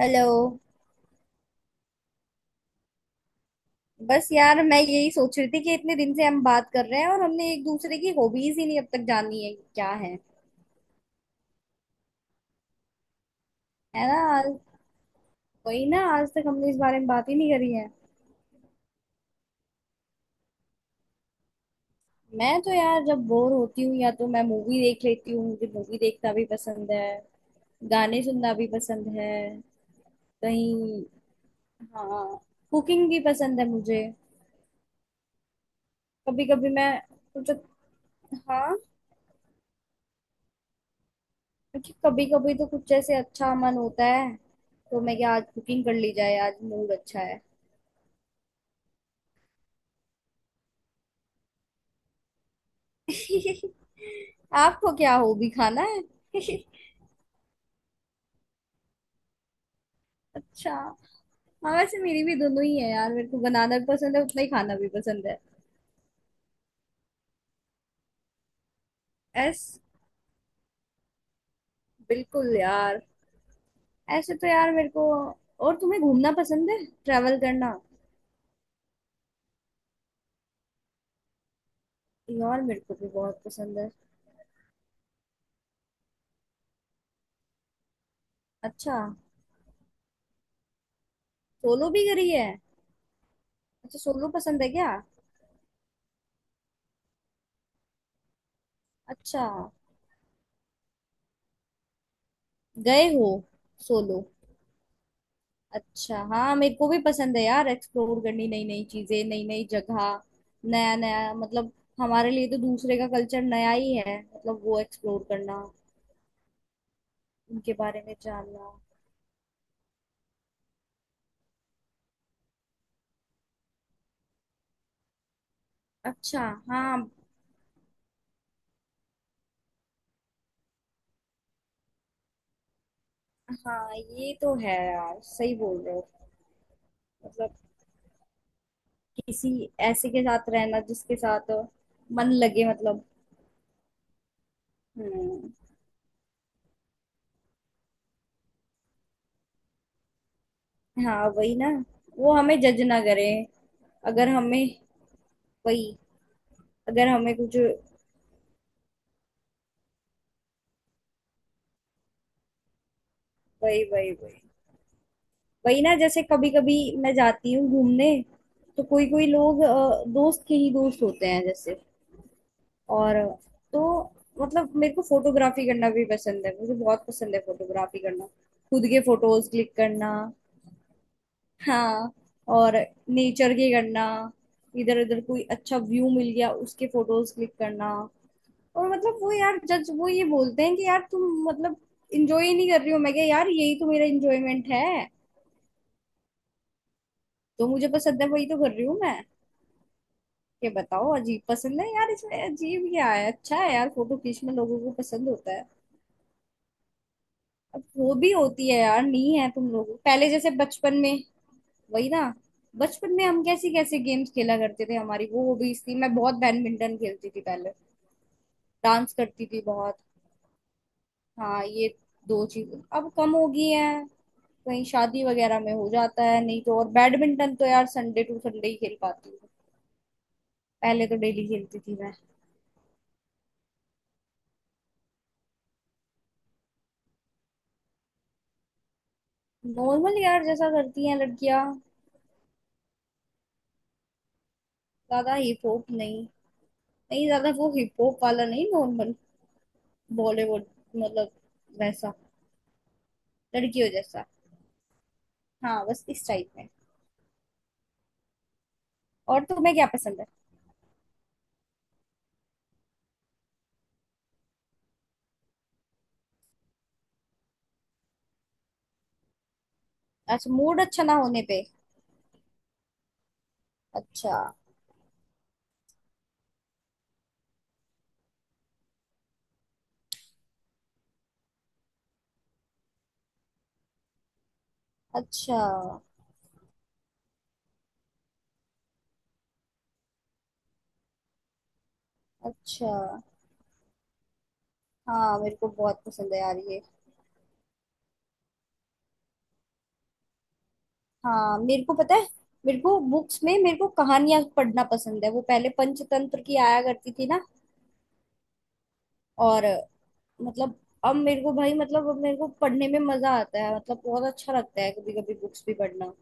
Hello. बस यार मैं यही सोच रही थी कि इतने दिन से हम बात कर रहे हैं और हमने एक दूसरे की हॉबीज ही नहीं अब तक जानी है कि क्या है। है ना? आज वही ना, आज तक हमने इस बारे में बात ही नहीं करी है। मैं तो यार जब बोर होती हूँ या तो मैं मूवी देख लेती हूँ, मुझे मूवी देखना भी पसंद है। गाने सुनना भी पसंद है। कहीं। हाँ, कुकिंग भी पसंद है मुझे। कभी कभी मैं कुछ। हाँ, क्योंकि कभी कभी तो कुछ ऐसे अच्छा मन होता है, तो मैं क्या आज कुकिंग कर ली जाए, आज मूड अच्छा है। आपको क्या हॉबी खाना है? अच्छा। हाँ वैसे मेरी भी दोनों ही है यार, मेरे को बनाना भी पसंद है उतना ही खाना भी पसंद है। एस। बिल्कुल यार। ऐसे तो यार मेरे को और तुम्हें घूमना पसंद है, ट्रैवल करना। यार मेरे को भी बहुत पसंद है। अच्छा, सोलो भी करी है? अच्छा, सोलो पसंद है क्या? अच्छा, गए हो सोलो? अच्छा हाँ, मेरे को भी पसंद है यार एक्सप्लोर करनी नई नई चीजें, नई नई जगह। नया नया मतलब हमारे लिए तो दूसरे का कल्चर नया ही है, मतलब वो एक्सप्लोर करना, उनके बारे में जानना। अच्छा। हाँ हाँ, ये तो है यार, सही बोल रहे हो। मतलब किसी ऐसे के साथ रहना जिसके साथ मन लगे, मतलब। हम्म। हाँ वही ना, वो हमें जज ना करे। अगर हमें वही, अगर हमें कुछ वही, वही वही, वही ना जैसे कभी कभी मैं जाती हूँ घूमने, तो कोई कोई लोग दोस्त के ही दोस्त होते हैं जैसे। और तो मतलब मेरे को फोटोग्राफी करना भी पसंद है, मुझे बहुत पसंद है फोटोग्राफी करना। खुद के फोटोज क्लिक करना। हाँ, और नेचर के करना, इधर उधर कोई अच्छा व्यू मिल गया उसके फोटोज क्लिक करना। और मतलब वो यार जज वो ये बोलते हैं कि यार तुम मतलब इंजॉय नहीं कर रही हो। मैं क्या यार, यही तो मेरा इंजॉयमेंट है, तो मुझे पसंद है, वही तो कर रही हूँ मैं। ये बताओ अजीब पसंद है यार, इसमें अजीब क्या है, अच्छा है यार फोटो खींचना, लोगों को पसंद होता है। अब वो भी होती है यार, नहीं है तुम लोगों पहले जैसे बचपन में। वही ना, बचपन में हम कैसे कैसे गेम्स खेला करते थे, हमारी वो हॉबीज थी। मैं बहुत बैडमिंटन खेलती थी पहले। डांस करती थी बहुत। हाँ, ये दो चीज अब कम हो गई है। कहीं शादी वगैरह में हो जाता है, नहीं तो, और बैडमिंटन तो यार संडे टू संडे ही खेल पाती हूँ। पहले तो डेली खेलती थी मैं। नॉर्मल यार, जैसा करती हैं लड़कियां। ज्यादा हिप हॉप नहीं। नहीं ज्यादा वो हिप हॉप वाला नहीं, नॉर्मल बॉलीवुड, मतलब वैसा, लड़कियों जैसा। हाँ बस इस टाइप में। और तुम्हें क्या पसंद है? अच्छा, मूड अच्छा ना होने पे? अच्छा। अच्छा। अच्छा हाँ, मेरे को बहुत पसंद है यार ये। हाँ मेरे को पता है। मेरे को बुक्स में, मेरे को कहानियां पढ़ना पसंद है, वो पहले पंचतंत्र की आया करती थी ना। और मतलब अब मेरे को भाई, मतलब अब मेरे को पढ़ने में मजा आता है, मतलब बहुत अच्छा लगता है कभी कभी बुक्स भी पढ़ना।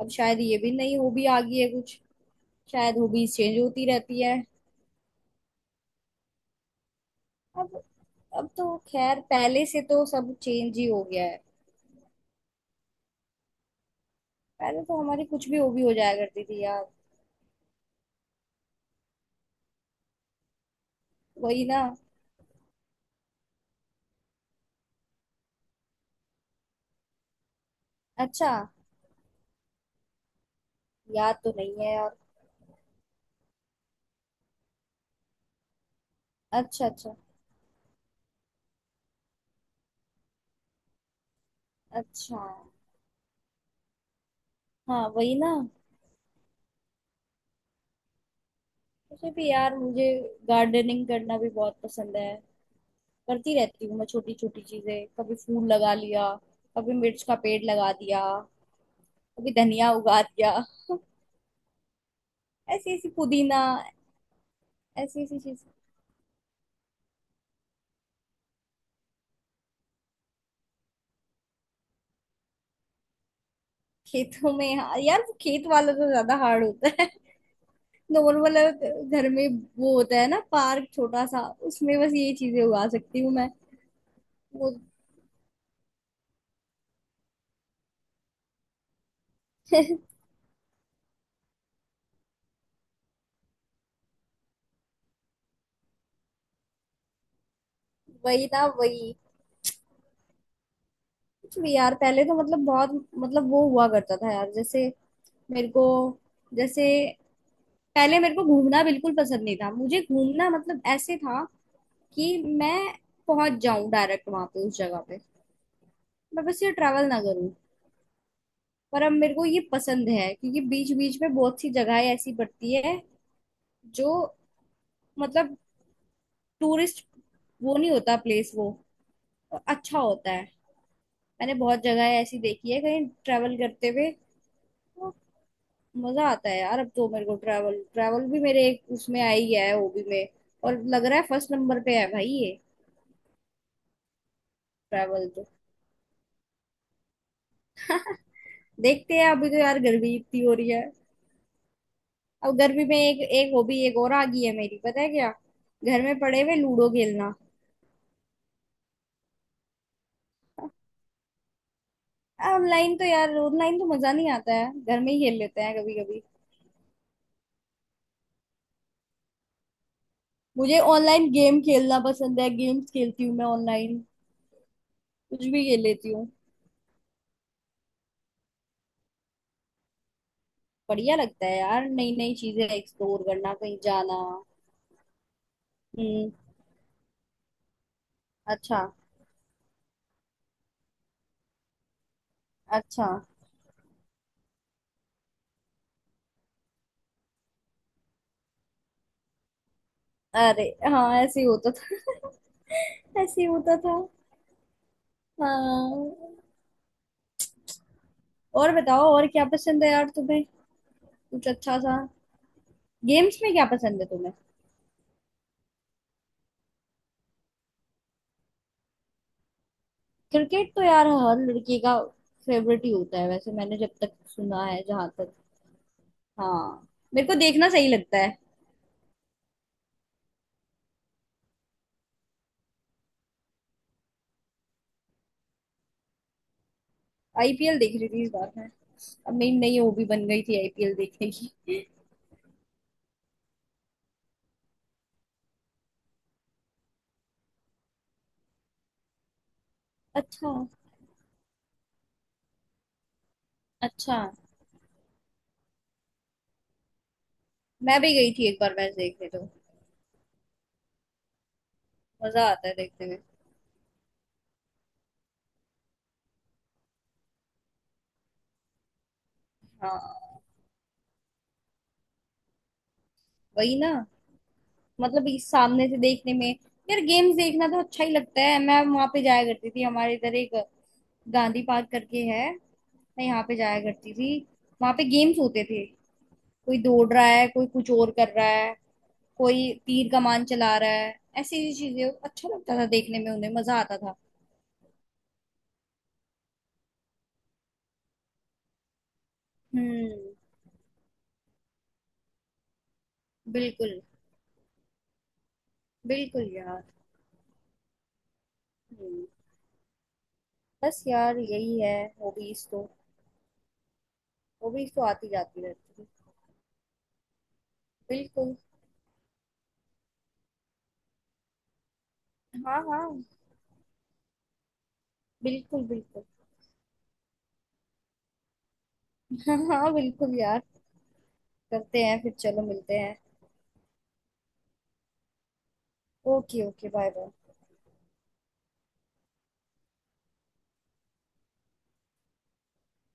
अब शायद ये भी नई हॉबी आ गई है कुछ। शायद हॉबीज चेंज होती रहती है। अब अब तो खैर पहले से तो सब चेंज ही हो गया है। पहले तो हमारी कुछ भी हॉबी हो जाया करती थी यार। वही ना। अच्छा, याद तो नहीं है यार। अच्छा अच्छा। अच्छा। हाँ वही ना, मुझे भी यार, मुझे गार्डनिंग करना भी बहुत पसंद है। करती रहती हूँ मैं छोटी छोटी चीजें, कभी फूल लगा लिया, कभी मिर्च का पेड़ लगा दिया, कभी धनिया उगा दिया, ऐसी ऐसी पुदीना, ऐसी ऐसी चीज। खेतों में? हाँ यार, वो खेत वाला तो ज्यादा हार्ड होता है। नॉर्मल घर में वो होता है ना पार्क छोटा सा, उसमें बस ये चीजें उगा सकती हूँ मैं। वो। वही ना, वही। कुछ भी यार पहले तो, मतलब बहुत, मतलब वो हुआ करता था यार, जैसे मेरे को, जैसे पहले मेरे को घूमना बिल्कुल पसंद नहीं था, मुझे घूमना मतलब ऐसे था कि मैं पहुंच जाऊं डायरेक्ट वहां पे, उस जगह पे, मैं बस ये ट्रैवल ना करूं। पर अब मेरे को ये पसंद है क्योंकि बीच बीच में बहुत सी जगहें ऐसी पड़ती है जो मतलब टूरिस्ट वो नहीं होता प्लेस, वो अच्छा होता है। मैंने बहुत जगह ऐसी देखी है कहीं ट्रैवल करते हुए, तो मजा आता है यार। अब तो मेरे को ट्रैवल, ट्रैवल भी मेरे एक उसमें आई है हॉबी में, और लग रहा है फर्स्ट नंबर पे है भाई ये। ट्रैवल तो देखते हैं, अभी तो यार गर्मी इतनी हो रही है। अब गर्मी में एक एक हॉबी एक और आ गई है मेरी, पता है क्या? घर में पड़े हुए लूडो खेलना। ऑनलाइन तो यार ऑनलाइन तो मजा नहीं आता है, घर में ही खेल लेते हैं कभी कभी। मुझे ऑनलाइन गेम खेलना पसंद है, गेम्स खेलती हूँ मैं ऑनलाइन, कुछ भी खेल लेती हूँ। बढ़िया लगता है यार नई नई चीजें एक्सप्लोर करना, कहीं जाना। हम्म। अच्छा। अच्छा। अरे, हाँ ऐसे ही होता था। ऐसे ही होता था। हाँ। और बताओ और क्या पसंद है यार तुम्हें, कुछ अच्छा सा? गेम्स में क्या पसंद है तुम्हें? क्रिकेट तो यार हर लड़की का फेवरेट ही होता है, वैसे मैंने जब तक सुना है, जहां तक। हाँ मेरे को देखना सही लगता है। आईपीएल देख रही थी इस बार मैं। अब मेरी नई हॉबी बन गई थी आईपीएल देखने की। अच्छा। अच्छा, मैं भी गई थी एक बार मैच देखने, तो मजा आता है देखने में। हाँ वही ना, मतलब इस सामने से देखने में। यार गेम्स देखना तो अच्छा ही लगता है, मैं वहां पे जाया करती थी, हमारे इधर एक गांधी पार्क करके है, मैं यहाँ पे जाया करती थी, वहां पे गेम्स होते थे, कोई दौड़ रहा है, कोई कुछ और कर रहा है, कोई तीर कमान चला रहा है, ऐसी ऐसी चीजें अच्छा लगता था देखने में, उन्हें मजा आता था। हम्म। बिल्कुल, बिल्कुल यार। हम्म, बस यार यही है। हॉबीज तो, हॉबीज तो आती जाती रहती है। बिल्कुल। हाँ हाँ। बिल्कुल बिल्कुल। हाँ हाँ बिल्कुल यार। करते हैं फिर, चलो मिलते हैं। Okay okay, bye bye.